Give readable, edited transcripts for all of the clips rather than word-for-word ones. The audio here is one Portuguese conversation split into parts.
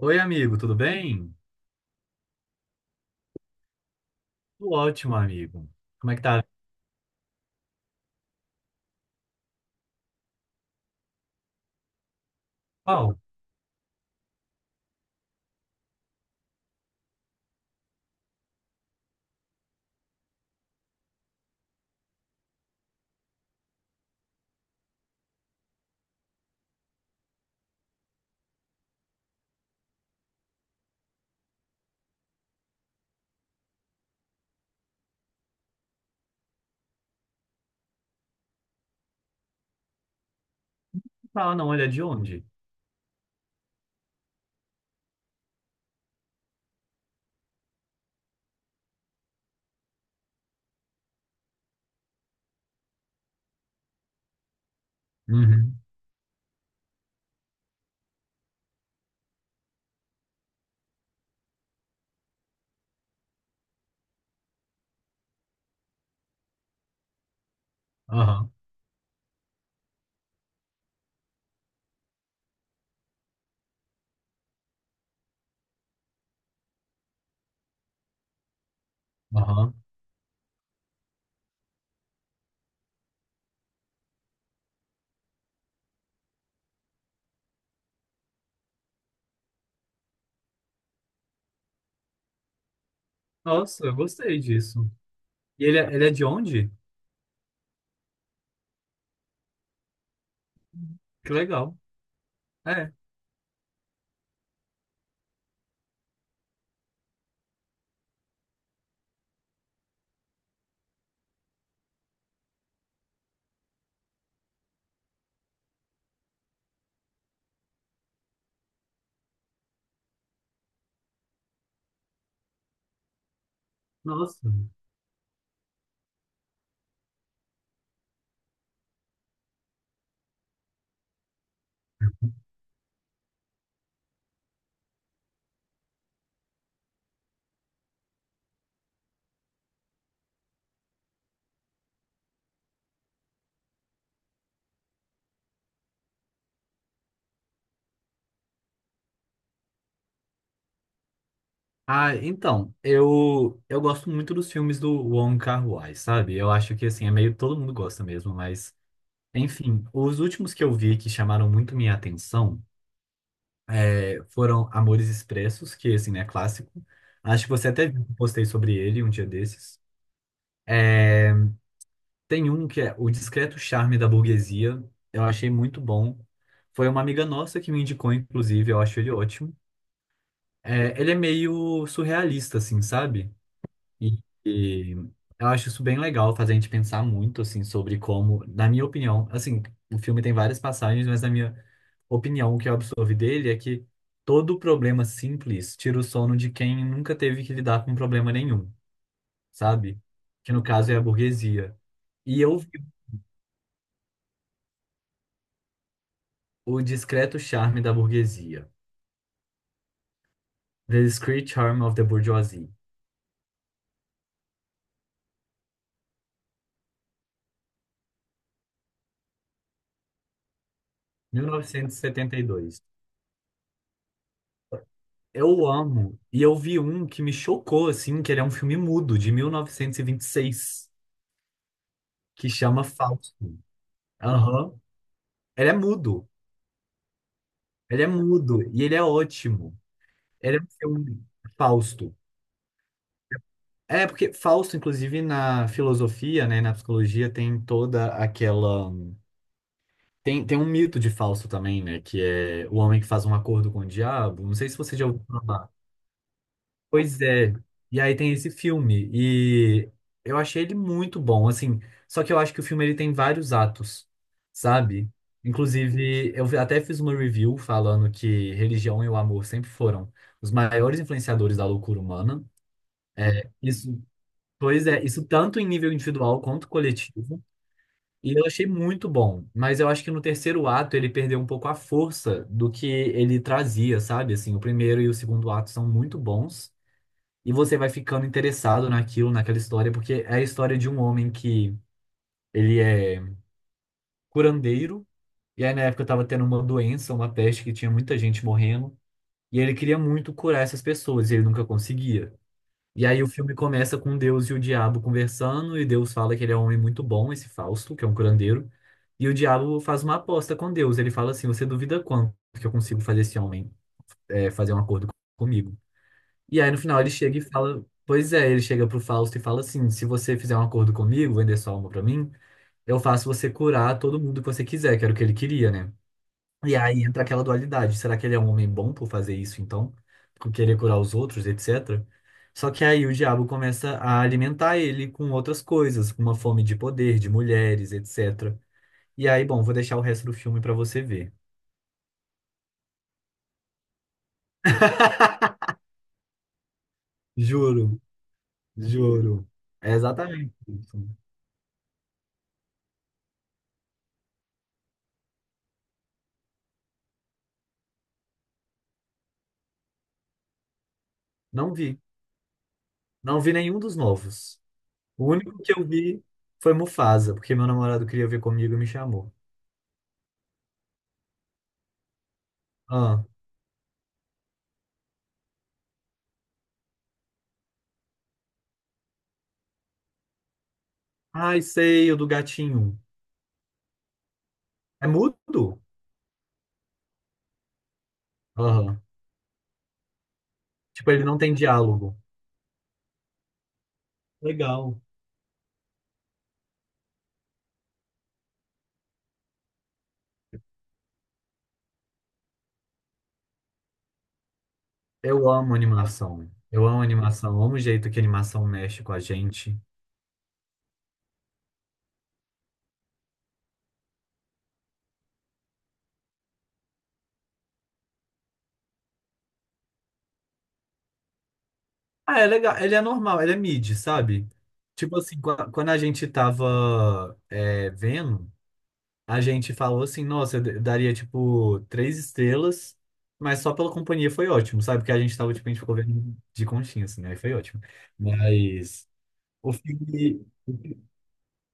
Oi, amigo, tudo bem? Tudo ótimo, amigo. Como é que tá? Qual? Tá, não, ele é de onde? Uhum. Aham, aham. Nossa, eu gostei disso. E ele, ele é de onde? Que legal. É, nossa. Ah, então, eu gosto muito dos filmes do Wong Kar-wai, sabe? Eu acho que, assim, é meio todo mundo gosta mesmo, mas. Enfim, os últimos que eu vi que chamaram muito minha atenção foram Amores Expressos, que, assim, é clássico. Acho que você até viu que eu postei sobre ele um dia desses. Tem um que é O Discreto Charme da Burguesia. Eu achei muito bom. Foi uma amiga nossa que me indicou, inclusive, eu acho ele ótimo. É, ele é meio surrealista, assim, sabe? E, e eu acho isso bem legal, faz a gente pensar muito, assim, sobre como, na minha opinião, assim, o filme tem várias passagens, mas na minha opinião, o que eu absorvi dele é que todo problema simples tira o sono de quem nunca teve que lidar com problema nenhum, sabe? Que no caso é a burguesia. E eu vi O Discreto Charme da Burguesia. The Discreet Charm of the Bourgeoisie. 1972. Eu amo. E eu vi um que me chocou, assim, que ele é um filme mudo, de 1926, que chama Fausto. Aham. Ele é mudo. Ele é mudo. E ele é ótimo. Ele é um filme Fausto. É, porque Fausto, inclusive, na filosofia, né, na psicologia, tem toda aquela Tem, tem um mito de Fausto também, né? Que é o homem que faz um acordo com o diabo. Não sei se você já ouviu falar. Pois é. E aí tem esse filme. E eu achei ele muito bom, assim. Só que eu acho que o filme ele tem vários atos, sabe? Inclusive, eu até fiz uma review falando que religião e o amor sempre foram os maiores influenciadores da loucura humana. É, isso, pois é, isso tanto em nível individual quanto coletivo. E eu achei muito bom, mas eu acho que no terceiro ato ele perdeu um pouco a força do que ele trazia, sabe? Assim, o primeiro e o segundo ato são muito bons e você vai ficando interessado naquilo, naquela história, porque é a história de um homem que ele é curandeiro e aí na época tava tendo uma doença, uma peste que tinha muita gente morrendo e ele queria muito curar essas pessoas e ele nunca conseguia. E aí o filme começa com Deus e o diabo conversando, e Deus fala que ele é um homem muito bom, esse Fausto, que é um curandeiro. E o diabo faz uma aposta com Deus. Ele fala assim: você duvida quanto que eu consigo fazer esse homem fazer um acordo comigo? E aí no final ele chega e fala: pois é, ele chega pro Fausto e fala assim: se você fizer um acordo comigo, vender sua alma pra mim, eu faço você curar todo mundo que você quiser, que era o que ele queria, né? E aí entra aquela dualidade. Será que ele é um homem bom por fazer isso, então? Por querer curar os outros, etc. Só que aí o diabo começa a alimentar ele com outras coisas, com uma fome de poder, de mulheres, etc. E aí, bom, vou deixar o resto do filme pra você ver. Juro, juro. É exatamente isso. Não vi. Não vi nenhum dos novos. O único que eu vi foi Mufasa, porque meu namorado queria ver comigo e me chamou. Ah, ai, sei, o do gatinho. É mudo? Aham. Tipo, ele não tem diálogo. Legal. Eu amo animação. Eu amo animação. Eu amo o jeito que a animação mexe com a gente. Ah, é legal. Ele é normal, ele é mid, sabe? Tipo assim, quando a gente tava vendo, a gente falou assim, nossa, eu daria tipo três estrelas, mas só pela companhia foi ótimo, sabe? Porque a gente tava, tipo, a gente ficou vendo de conchinha, assim, né? Aí foi ótimo. Mas o filme.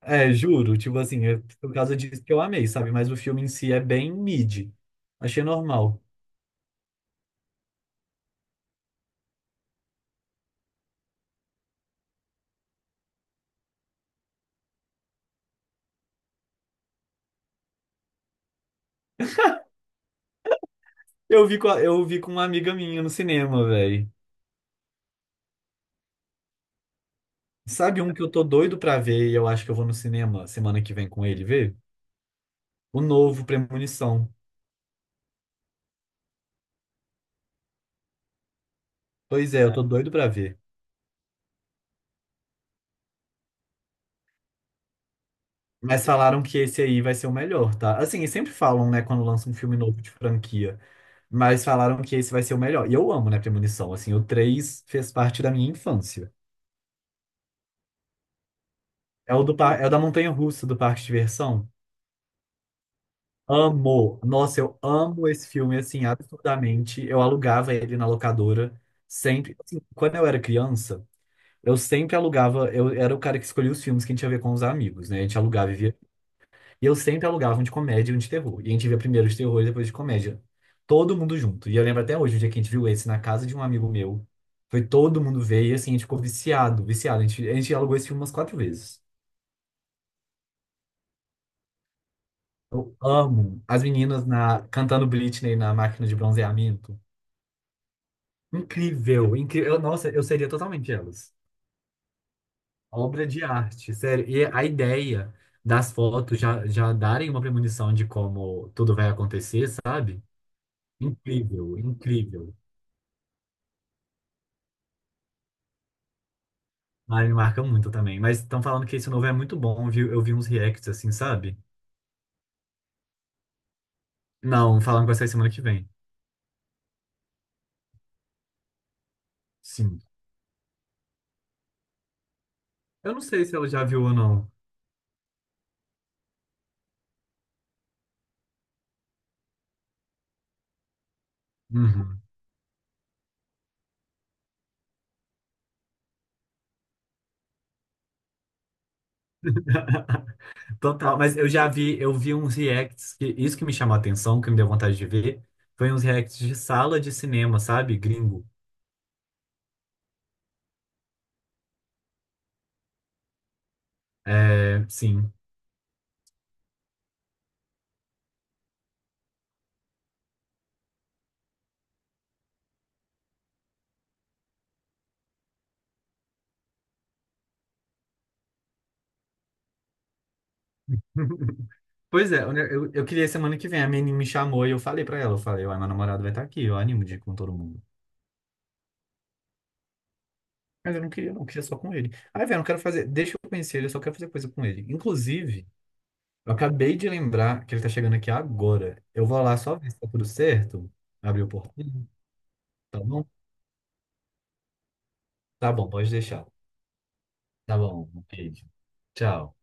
É, juro, tipo assim, é por causa disso que eu amei, sabe? Mas o filme em si é bem mid. Achei normal. Eu vi com eu vi com uma amiga minha no cinema, velho. Sabe um que eu tô doido pra ver e eu acho que eu vou no cinema semana que vem com ele ver? O novo Premonição. Pois é, eu tô doido pra ver. Mas falaram que esse aí vai ser o melhor, tá? Assim, eles sempre falam, né, quando lançam um filme novo de franquia. Mas falaram que esse vai ser o melhor. E eu amo, né, Premonição. Assim, o 3 fez parte da minha infância. É o, do, é o da Montanha-Russa, do Parque de Diversão. Amo. Nossa, eu amo esse filme, assim, absurdamente. Eu alugava ele na locadora sempre. Assim, quando eu era criança, eu sempre alugava. Eu era o cara que escolhia os filmes que a gente ia ver com os amigos, né? A gente alugava e via. E eu sempre alugava um de comédia e um de terror. E a gente via primeiro de terror e depois de comédia. Todo mundo junto. E eu lembro até hoje, o dia que a gente viu esse na casa de um amigo meu. Foi todo mundo ver e, assim, a gente ficou viciado, viciado. A gente alugou esse filme umas quatro vezes. Eu amo as meninas na, cantando Britney na máquina de bronzeamento. Incrível, incrível. Nossa, eu seria totalmente elas. Obra de arte, sério. E a ideia das fotos já darem uma premonição de como tudo vai acontecer, sabe? Incrível, incrível. Ah, me marca muito também. Mas estão falando que esse novo é muito bom, viu? Eu vi uns reacts assim, sabe? Não, falando que vai sair semana que vem. Sim. Eu não sei se ela já viu ou não. Uhum. Total, mas eu já vi, eu vi uns reacts que isso que me chamou a atenção, que me deu vontade de ver, foi uns reacts de sala de cinema, sabe? Gringo. É, sim. Pois é, eu queria semana que vem, a menina me chamou e eu falei pra ela, eu falei, uai, meu namorado vai estar aqui, eu animo de ir com todo mundo. Mas eu não queria, não queria só com ele. Ai, velho, eu não quero fazer, deixa eu conhecer ele, eu só quero fazer coisa com ele. Inclusive, eu acabei de lembrar que ele tá chegando aqui agora. Eu vou lá só ver se tá tudo certo, abrir o portão, tá bom? Tá bom, pode deixar. Tá bom, um beijo. Tchau.